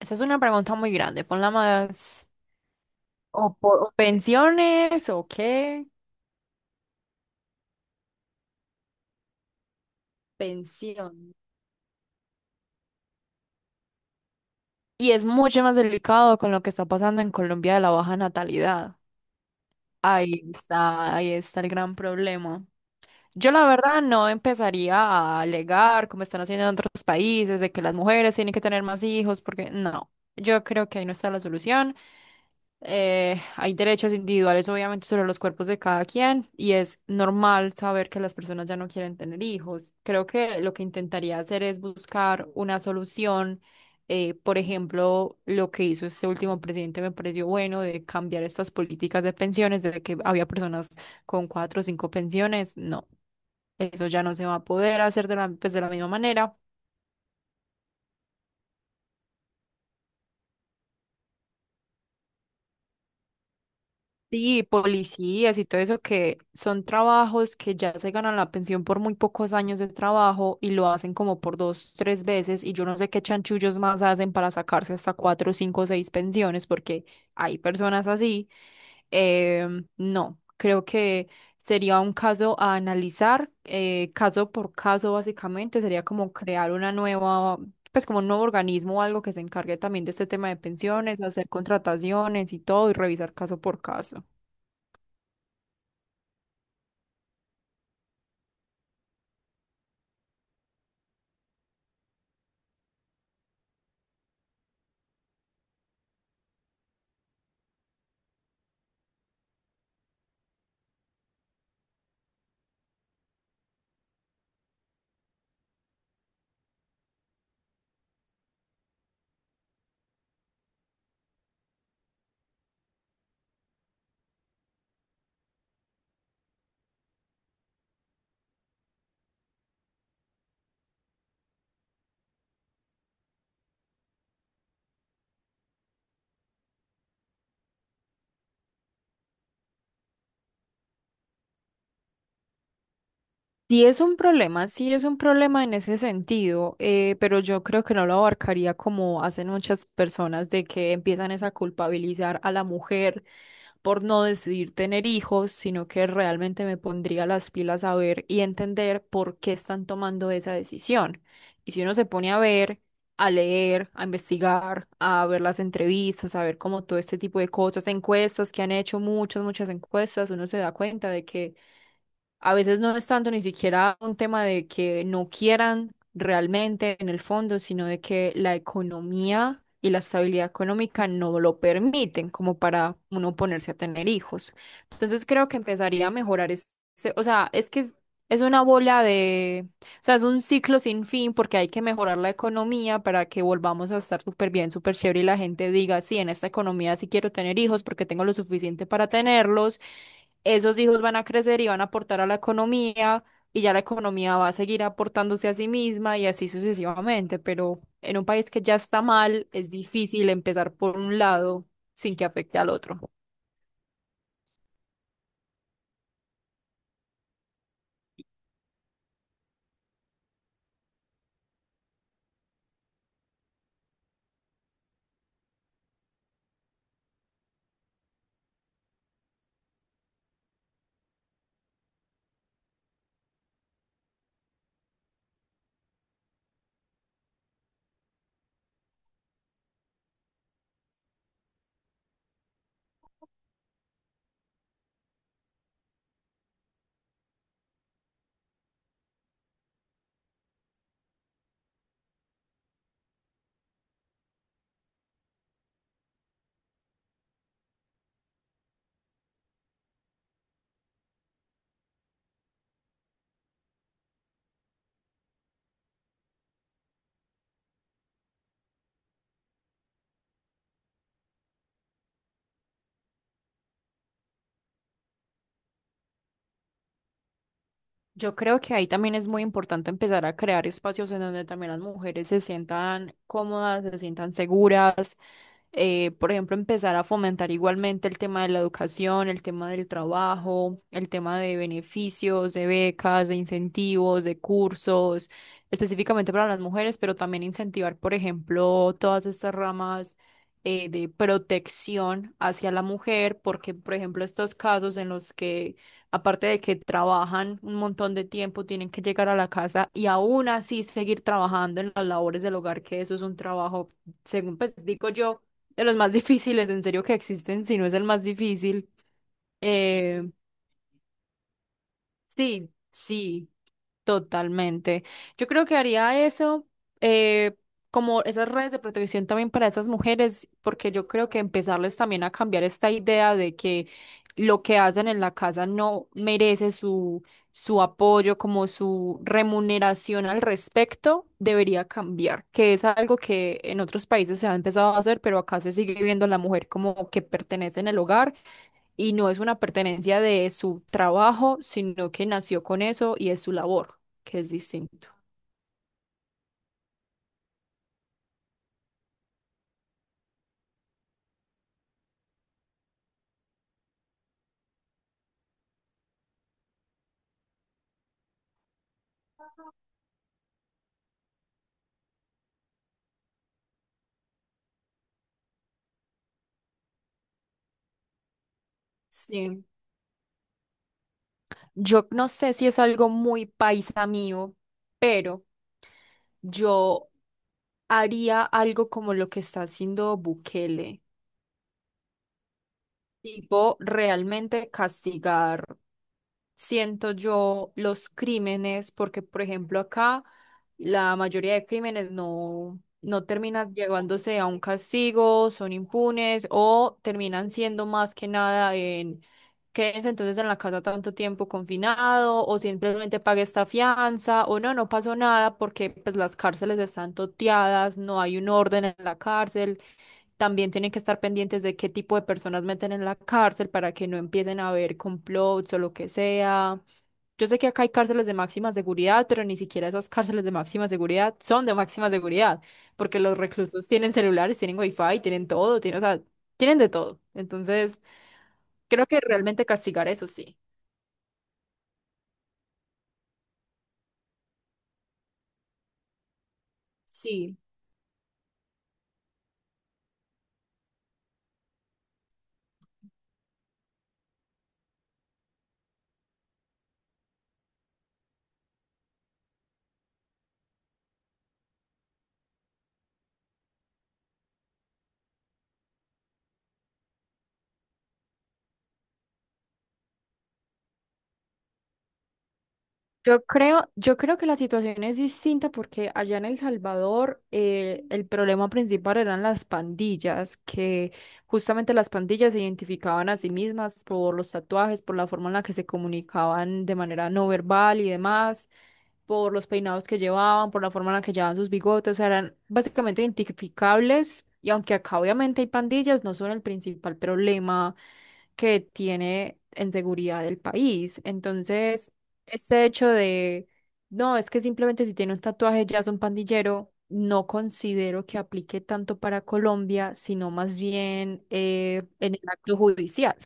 Esa es una pregunta muy grande. Ponla más. O, o pensiones o qué. Pensión. Y es mucho más delicado con lo que está pasando en Colombia de la baja natalidad. Ahí está el gran problema. Yo la verdad no empezaría a alegar como están haciendo en otros países de que las mujeres tienen que tener más hijos porque no, yo creo que ahí no está la solución. Hay derechos individuales, obviamente, sobre los cuerpos de cada quien, y es normal saber que las personas ya no quieren tener hijos. Creo que lo que intentaría hacer es buscar una solución. Por ejemplo, lo que hizo este último presidente me pareció bueno de cambiar estas políticas de pensiones, desde que había personas con cuatro o cinco pensiones. No, eso ya no se va a poder hacer de la, pues, de la misma manera. Sí, policías y todo eso que son trabajos que ya se ganan la pensión por muy pocos años de trabajo y lo hacen como por dos, tres veces y yo no sé qué chanchullos más hacen para sacarse hasta cuatro, cinco, seis pensiones porque hay personas así. No, creo que sería un caso a analizar, caso por caso básicamente, sería como crear una nueva, pues como un nuevo organismo o algo que se encargue también de este tema de pensiones, hacer contrataciones y todo y revisar caso por caso. Sí es un problema, sí es un problema en ese sentido, pero yo creo que no lo abarcaría como hacen muchas personas de que empiezan es a culpabilizar a la mujer por no decidir tener hijos, sino que realmente me pondría las pilas a ver y entender por qué están tomando esa decisión. Y si uno se pone a ver, a leer, a investigar, a ver las entrevistas, a ver como todo este tipo de cosas, encuestas que han hecho muchas, muchas encuestas, uno se da cuenta de que a veces no es tanto ni siquiera un tema de que no quieran realmente en el fondo, sino de que la economía y la estabilidad económica no lo permiten como para uno ponerse a tener hijos. Entonces creo que empezaría a mejorar este, o sea, es que es una bola de, o sea, es un ciclo sin fin porque hay que mejorar la economía para que volvamos a estar súper bien, súper chévere y la gente diga, sí, en esta economía sí quiero tener hijos porque tengo lo suficiente para tenerlos. Esos hijos van a crecer y van a aportar a la economía y ya la economía va a seguir aportándose a sí misma y así sucesivamente, pero en un país que ya está mal es difícil empezar por un lado sin que afecte al otro. Yo creo que ahí también es muy importante empezar a crear espacios en donde también las mujeres se sientan cómodas, se sientan seguras. Por ejemplo, empezar a fomentar igualmente el tema de la educación, el tema del trabajo, el tema de beneficios, de becas, de incentivos, de cursos, específicamente para las mujeres, pero también incentivar, por ejemplo, todas estas ramas. De protección hacia la mujer, porque, por ejemplo, estos casos en los que aparte de que trabajan un montón de tiempo, tienen que llegar a la casa y aún así seguir trabajando en las labores del hogar, que eso es un trabajo, según pues digo yo, de los más difíciles en serio que existen, si no es el más difícil. Eh, sí, sí. Totalmente. Yo creo que haría eso, eh, como esas redes de protección también para esas mujeres, porque yo creo que empezarles también a cambiar esta idea de que lo que hacen en la casa no merece su, su apoyo, como su remuneración al respecto, debería cambiar, que es algo que en otros países se ha empezado a hacer, pero acá se sigue viendo a la mujer como que pertenece en el hogar y no es una pertenencia de su trabajo, sino que nació con eso y es su labor, que es distinto. Sí. Yo no sé si es algo muy paisa mío, pero yo haría algo como lo que está haciendo Bukele, tipo realmente castigar, siento yo, los crímenes, porque por ejemplo acá la mayoría de crímenes no terminan llevándose a un castigo, son impunes o terminan siendo más que nada en quédense entonces en la casa tanto tiempo confinado o simplemente pague esta fianza o no, no pasó nada porque pues las cárceles están toteadas, no hay un orden en la cárcel. También tienen que estar pendientes de qué tipo de personas meten en la cárcel para que no empiecen a haber complots o lo que sea. Yo sé que acá hay cárceles de máxima seguridad, pero ni siquiera esas cárceles de máxima seguridad son de máxima seguridad, porque los reclusos tienen celulares, tienen wifi, tienen todo, tienen, o sea, tienen de todo. Entonces, creo que realmente castigar eso sí. Sí, yo creo que la situación es distinta porque allá en El Salvador el problema principal eran las pandillas, que justamente las pandillas se identificaban a sí mismas por los tatuajes, por la forma en la que se comunicaban de manera no verbal y demás, por los peinados que llevaban, por la forma en la que llevaban sus bigotes, o sea, eran básicamente identificables y aunque acá obviamente hay pandillas, no son el principal problema que tiene en seguridad el país. Entonces, este hecho de, no, es que simplemente si tiene un tatuaje ya es un pandillero, no considero que aplique tanto para Colombia, sino más bien en el acto judicial.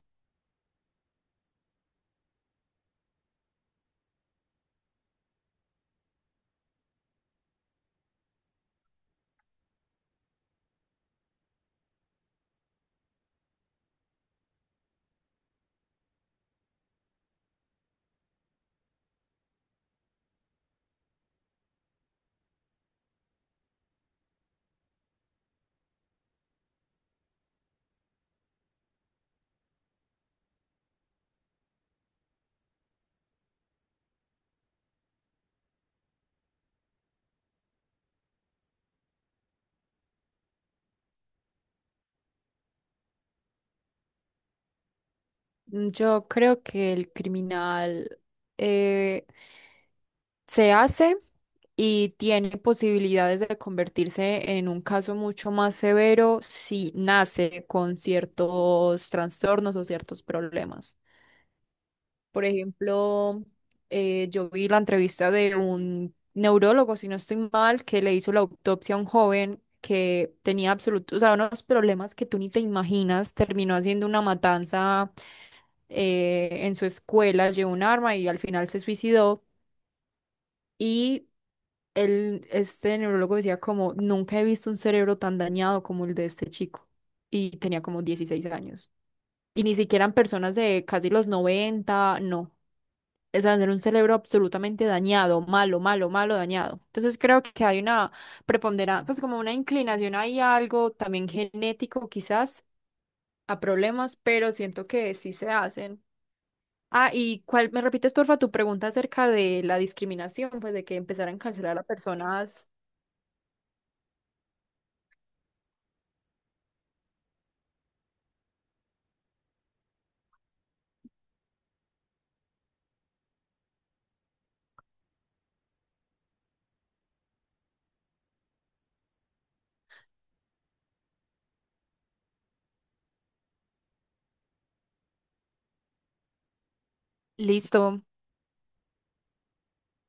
Mm, yo creo que el criminal eh, se hace y tiene posibilidades de convertirse en un caso mucho más severo si nace con ciertos trastornos o ciertos problemas. Por ejemplo, yo vi la entrevista de un neurólogo, si no estoy mal, que le hizo la autopsia a un joven que tenía absolutos, o sea, unos problemas que tú ni te imaginas. Terminó haciendo una matanza en su escuela, llevó un arma y al final se suicidó. Y él, este neurólogo decía como, nunca he visto un cerebro tan dañado como el de este chico. Y tenía como 16 años. Y ni siquiera en personas de casi los 90. No, es tener un cerebro absolutamente dañado, malo, malo, malo, dañado. Entonces creo que hay una preponderancia, pues como una inclinación ahí a algo también genético quizás, a problemas, pero siento que sí se hacen. Ah, y cuál, me repites porfa tu pregunta acerca de la discriminación, pues de que empezar a encarcelar a personas. Listo.